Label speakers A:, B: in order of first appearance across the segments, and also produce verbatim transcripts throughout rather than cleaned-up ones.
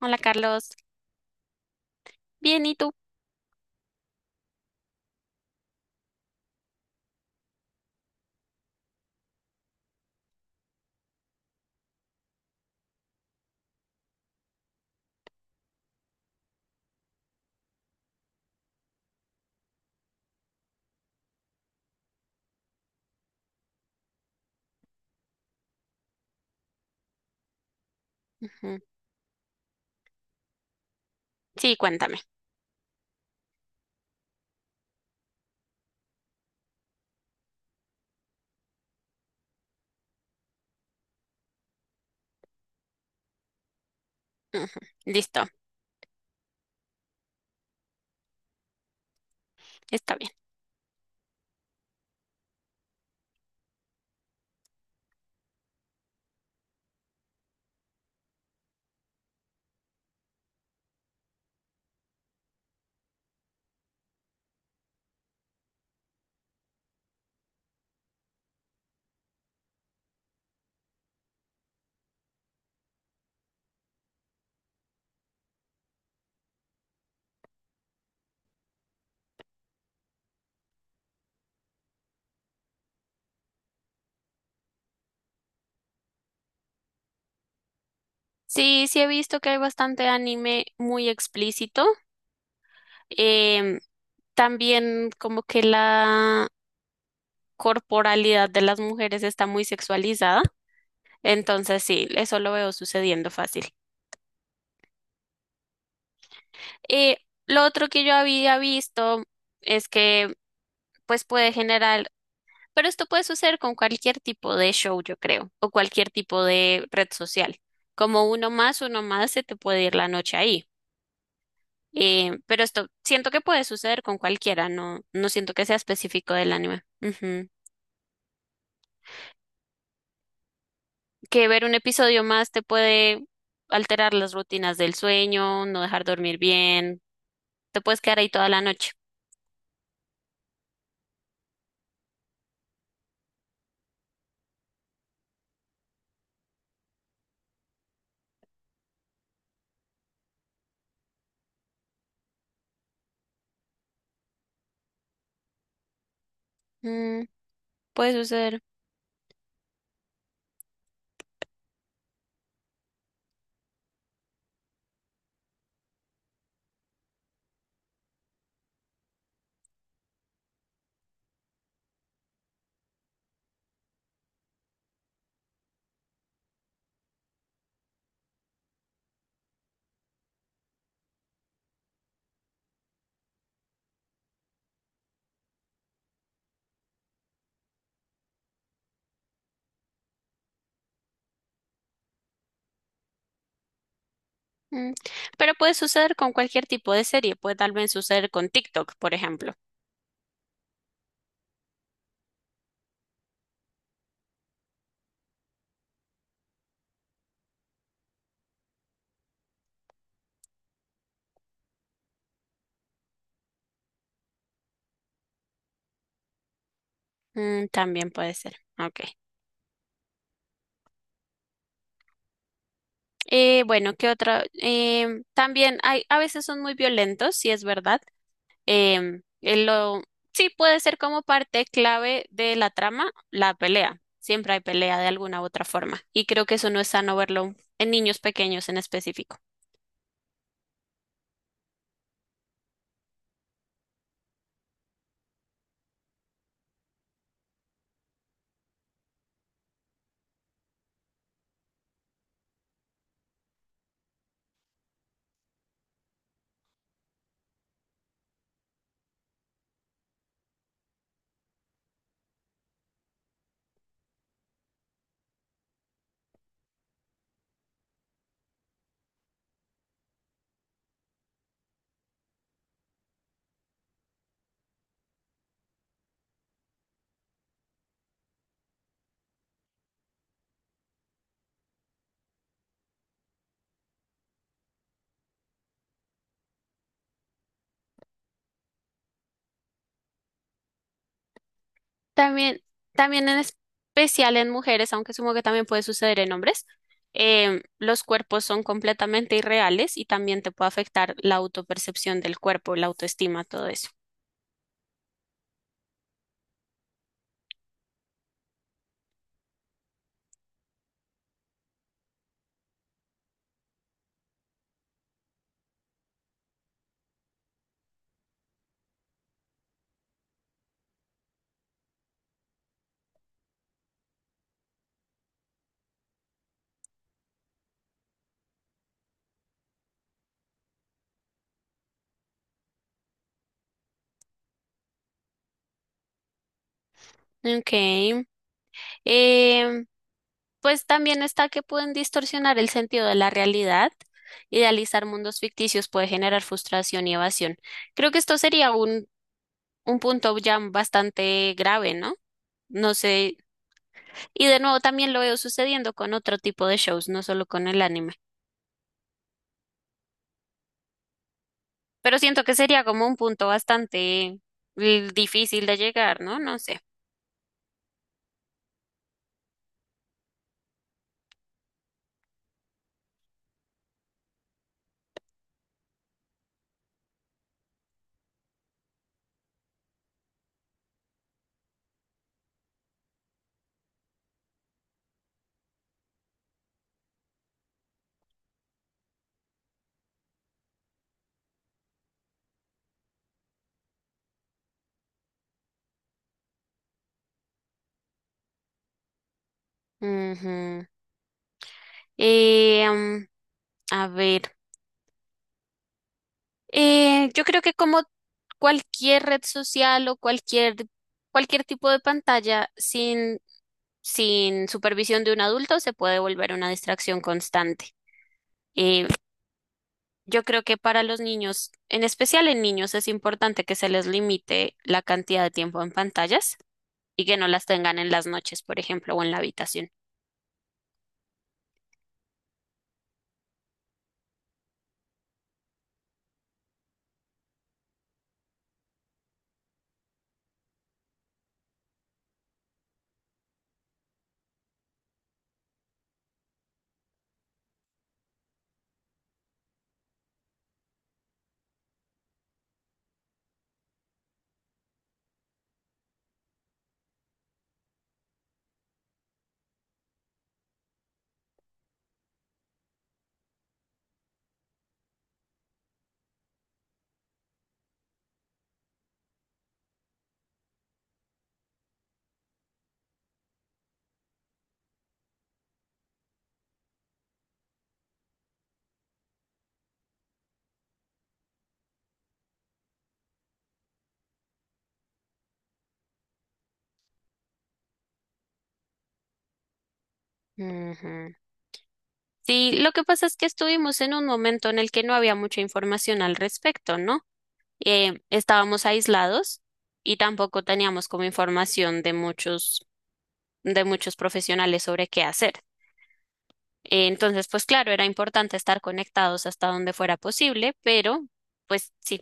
A: Hola Carlos, bien, ¿y tú? Ujú. Sí, cuéntame. Ujú. Listo, está bien. Sí, sí he visto que hay bastante anime muy explícito. Em, También como que la corporalidad de las mujeres está muy sexualizada. Entonces sí, eso lo veo sucediendo fácil. Eh, lo otro que yo había visto es que pues puede generar. Pero esto puede suceder con cualquier tipo de show, yo creo, o cualquier tipo de red social. Como uno más, uno más, se te puede ir la noche ahí. Eh, pero esto siento que puede suceder con cualquiera, no, no siento que sea específico del anime. Ujú. Que ver un episodio más te puede alterar las rutinas del sueño, no dejar dormir bien, te puedes quedar ahí toda la noche. Mm, puede suceder. Mm. Pero puede suceder con cualquier tipo de serie, puede tal vez suceder con TikTok, por ejemplo. Mm, también puede ser. Ok. Eh, bueno, ¿qué otra? Em, también hay, a veces son muy violentos, sí es verdad. Em, eh, lo, sí puede ser como parte clave de la trama, la pelea. Siempre hay pelea de alguna u otra forma. Y creo que eso no es sano verlo en niños pequeños en específico. También, también en especial en mujeres, aunque supongo que también puede suceder en hombres, em, los cuerpos son completamente irreales y también te puede afectar la autopercepción del cuerpo, la autoestima, todo eso. Ok. Em, Pues también está que pueden distorsionar el sentido de la realidad. Idealizar mundos ficticios puede generar frustración y evasión. Creo que esto sería un, un punto ya bastante grave, ¿no? No sé. Y de nuevo también lo veo sucediendo con otro tipo de shows, no solo con el anime. Pero siento que sería como un punto bastante eh, difícil de llegar, ¿no? No sé. Ujú. Eh, mm, a ver. Eh, yo creo que como cualquier red social o cualquier, cualquier tipo de pantalla, sin, sin supervisión de un adulto, se puede volver una distracción constante. Eh, yo creo que para los niños, en especial en niños, es importante que se les limite la cantidad de tiempo en pantallas y que no las tengan en las noches, por ejemplo, o en la habitación. Ujú. Sí, lo que pasa es que estuvimos en un momento en el que no había mucha información al respecto, ¿no? Eh, estábamos aislados y tampoco teníamos como información de muchos, de muchos profesionales sobre qué hacer. Eh, Entonces, pues claro, era importante estar conectados hasta donde fuera posible, pero pues sí,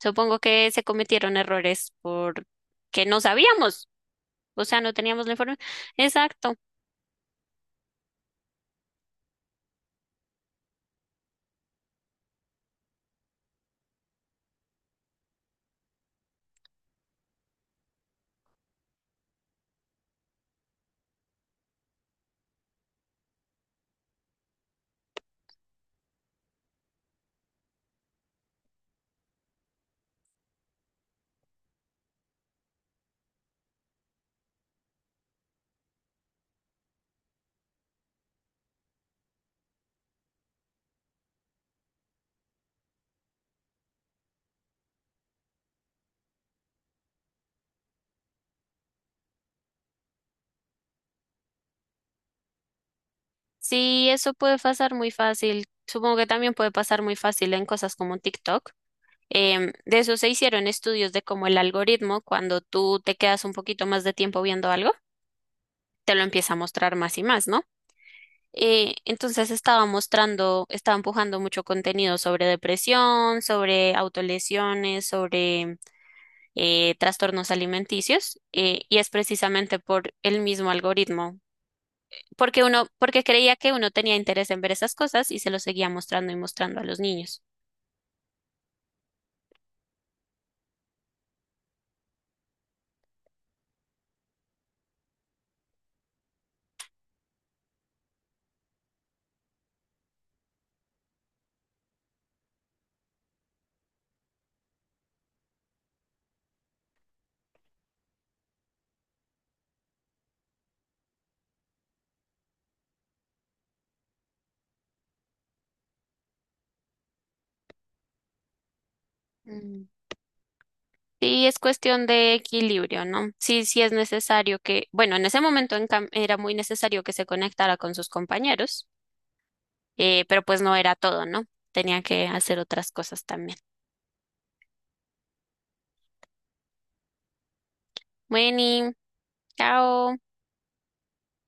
A: supongo que se cometieron errores por que no sabíamos, o sea, no teníamos la información. Exacto. Sí, eso puede pasar muy fácil. Supongo que también puede pasar muy fácil en cosas como TikTok. Em, de eso se hicieron estudios de cómo el algoritmo, cuando tú te quedas un poquito más de tiempo viendo algo, te lo empieza a mostrar más y más, ¿no? Eh, entonces estaba mostrando, estaba empujando mucho contenido sobre depresión, sobre autolesiones, sobre eh, trastornos alimenticios, eh, y es precisamente por el mismo algoritmo, porque uno, porque creía que uno tenía interés en ver esas cosas y se lo seguía mostrando y mostrando a los niños. Mm. Sí, es cuestión de equilibrio, ¿no? Sí, sí es necesario que, bueno, en ese momento en cam- era muy necesario que se conectara con sus compañeros, eh, pero pues no era todo, ¿no? Tenía que hacer otras cosas también. Bueno, chao.